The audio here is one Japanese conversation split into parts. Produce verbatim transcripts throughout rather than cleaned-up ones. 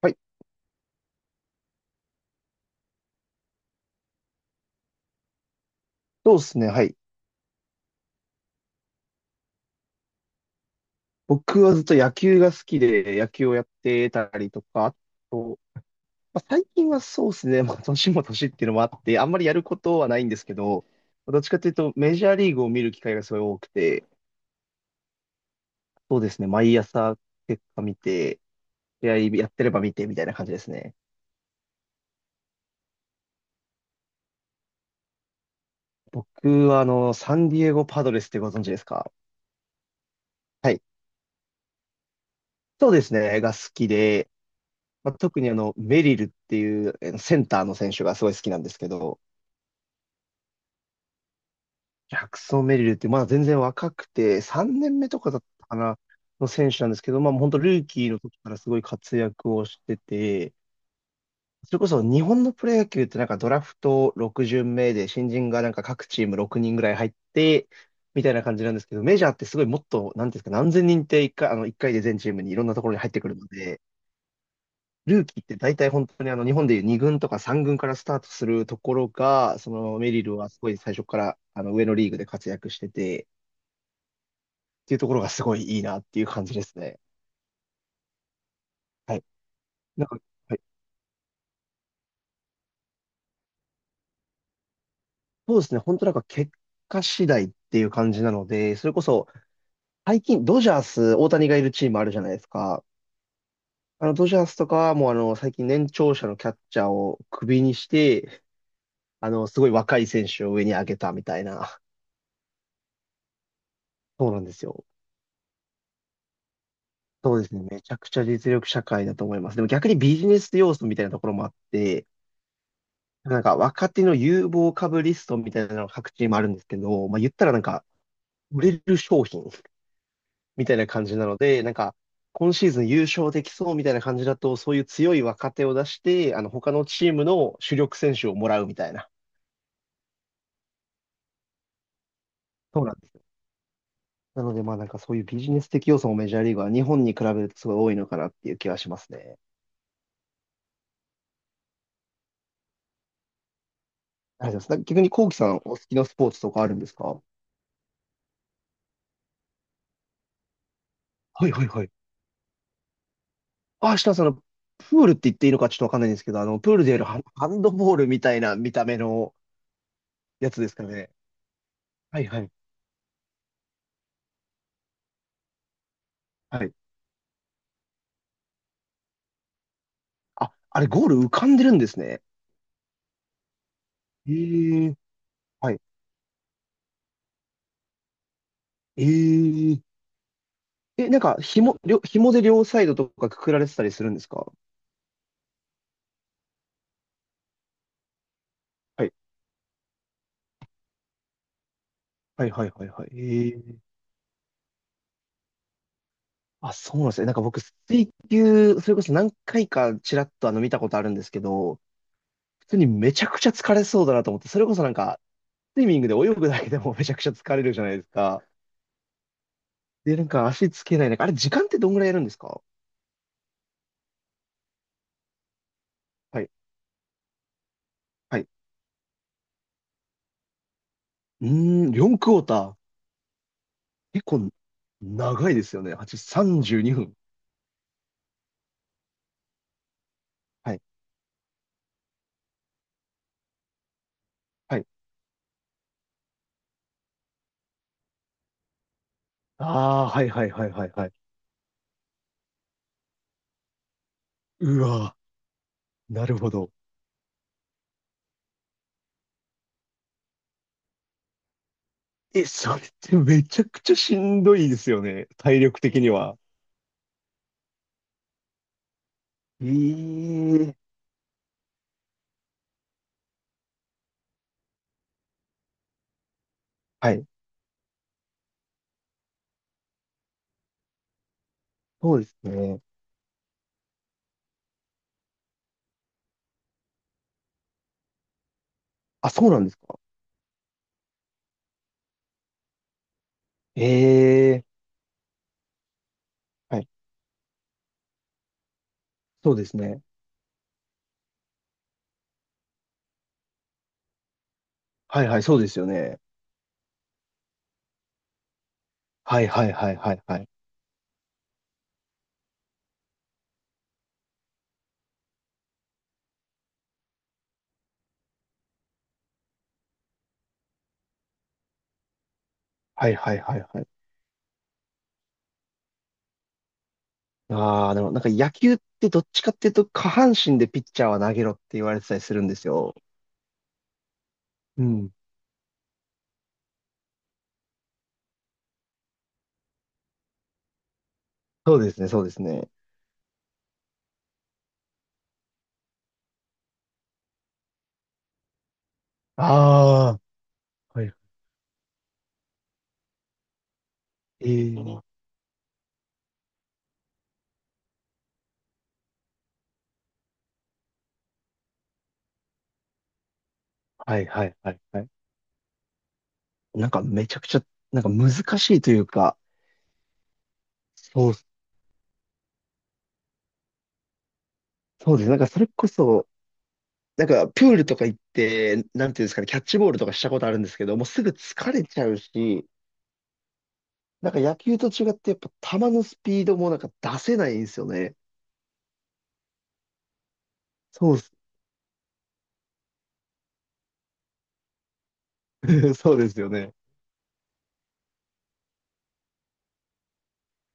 はい。そうですね。はい。僕はずっと野球が好きで、野球をやってたりとか、あと、まあ、最近はそうですね。まあ、年も年っていうのもあって、あんまりやることはないんですけど、どっちかというと、メジャーリーグを見る機会がすごい多くて、そうですね。毎朝結果見て、試合やってれば見てみたいな感じですね。僕は、あの、サンディエゴパドレスってご存知ですか？はい。そうですね。が好きで、まあ、特にあの、メリルっていうえーセンターの選手がすごい好きなんですけど、ジャクソン・メリルって、まだ全然若くて、さんねんめとかだったかな、の選手なんですけど、まあ本当ルーキーの時からすごい活躍をしてて、それこそ日本のプロ野球ってなんかドラフトろく巡目で新人がなんか各チームろくにんぐらい入って、みたいな感じなんですけど、メジャーってすごいもっと、なんていうんですか、何千人っていっかい、あの一回で全チームにいろんなところに入ってくるので、ルーキーって大体本当にあの日本でいうに軍とかさん軍からスタートするところが、そのメリルはすごい最初からあの上のリーグで活躍してて、っていうところがすごいいいなっていう感じですね。はい。なんか、はい。そうですね。本当なんか結果次第っていう感じなので、それこそ最近ドジャース、大谷がいるチームあるじゃないですか。あの、ドジャースとかはもうあの、最近年長者のキャッチャーをクビにして、あの、すごい若い選手を上に上げたみたいな。そうなんですよ。そうですね。めちゃくちゃ実力社会だと思います。でも逆にビジネス要素みたいなところもあって、なんか若手の有望株リストみたいなのが各チームあるんですけど、まあ言ったらなんか売れる商品みたいな感じなので、なんか、今シーズン優勝できそうみたいな感じだと、そういう強い若手を出して、あの、他のチームの主力選手をもらうみたいな。そうなんですよ。なので、まあなんかそういうビジネス的要素もメジャーリーグは日本に比べるとすごい多いのかなっていう気はしますね。ありがとうございます。逆に、コウキさん、お好きなスポーツとかあるんですか？はいはいはい。あ、下さん、あの、プールって言っていいのかちょっとわかんないんですけど、あの、プールでやるハンハンドボールみたいな見た目のやつですかね。はいはい。はい。あ、あれゴール浮かんでるんですね。ええ。はい。えええ、なんか、紐、両、紐で両サイドとかくくられてたりするんですか？はい。はい、はい、はい、はい。ええ。あ、そうなんですね。なんか僕、水球、それこそ何回かちらっとあの見たことあるんですけど、普通にめちゃくちゃ疲れそうだなと思って、それこそなんか、スイミングで泳ぐだけでも めちゃくちゃ疲れるじゃないですか。で、なんか足つけない。なんか、あれ、時間ってどんぐらいやるんですか？はい、はい。うーん、よんクォーター。結構、長いですよね。はち、さんじゅうにふん。はい。はい。ああ、はいはいはいはいはい。うわー、なるほど。え、それってめちゃくちゃしんどいですよね。体力的には。ええ。はい。そうですね。あ、そうなんですか。ええ。はい。そうですね。はいはい、そうですよね。はいはいはいはいはい。はいはいはいはい。ああ、でもなんか野球ってどっちかっていうと下半身でピッチャーは投げろって言われてたりするんですよ。うん。そうですね、そうですね。ああ、はい。ええ。はいはいはいはい。なんかめちゃくちゃ、なんか難しいというか、そう、そうです。なんかそれこそ、なんかプールとか行って、なんていうんですかね、キャッチボールとかしたことあるんですけど、もうすぐ疲れちゃうし、なんか野球と違ってやっぱ球のスピードもなんか出せないんですよね。そうっす、そうですよね。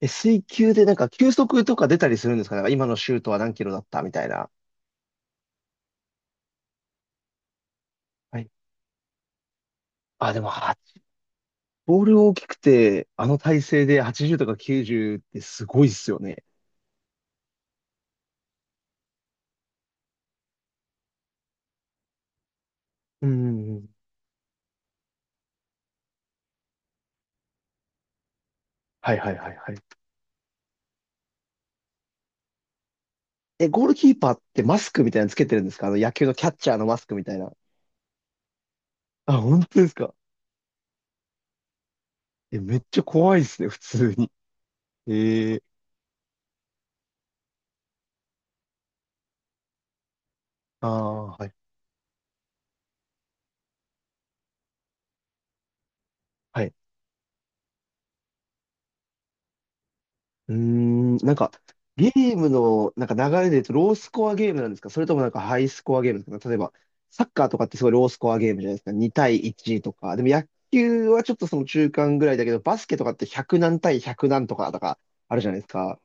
え、水球でなんか球速とか出たりするんですか？なんか今のシュートは何キロだったみたいな。はい。あ、でも、はボール大きくて、あの体勢ではちじゅうとかきゅうじゅうってすごいっすよね。うんうんうん。はいはいはいはい。え、ゴールキーパーってマスクみたいなのつけてるんですか？あの野球のキャッチャーのマスクみたいな。あ、本当ですか？え、めっちゃ怖いですね、普通に。ええ。ああ、はい。はい。うーん、なんか、ゲームの、なんか流れで言うと、ロースコアゲームなんですか？それともなんかハイスコアゲームですか？例えば、サッカーとかってすごいロースコアゲームじゃないですか。に対いちとか。でも野球はちょっとその中間ぐらいだけど、バスケとかってひゃく何対ひゃく何とかとかあるじゃないですか。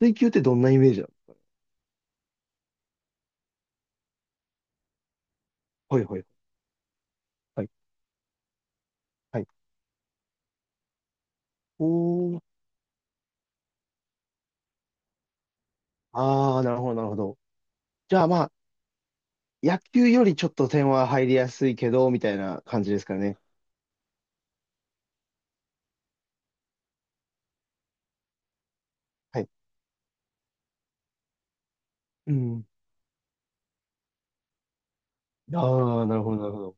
水球ってどんなイメージなの？はいはいはい。はい。おー。ああ、なるほど、なるほど。じゃあまあ、野球よりちょっと点は入りやすいけど、みたいな感じですかね。はい。うん。ああ、なるほど、なるほど。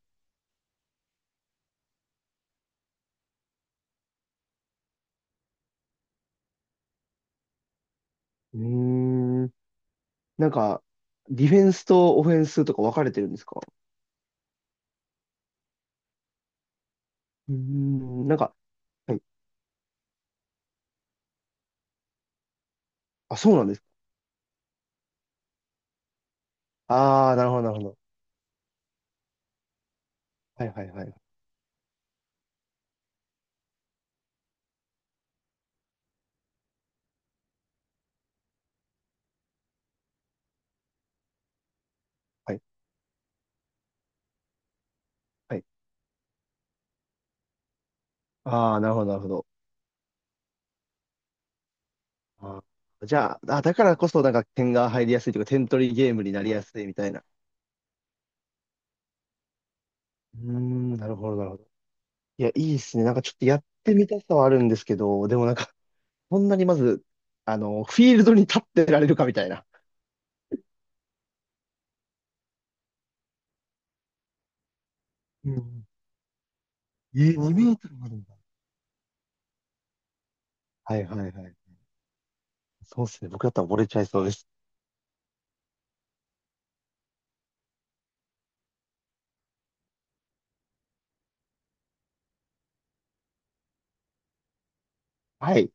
うーん。なんか、ディフェンスとオフェンスとか分かれてるんですか？うーん。なんか、はい。あ、そうなんです。ああ、なるほど、なるほど。はいはいはい。はい。はい。ああ、なるほど、なるほど。あー、じゃあ、あ、だからこそなんか点が入りやすいというか、点取りゲームになりやすいみたいな。うーん、なるほど、なるほど。いや、いいですね。なんかちょっとやってみたさはあるんですけど、でもなんか、こんなにまず、あの、フィールドに立ってられるかみたいな。うん。えー、にメートルもあるんだ。はいはいはい。そうですね。僕だったら溺れちゃいそうです。はい。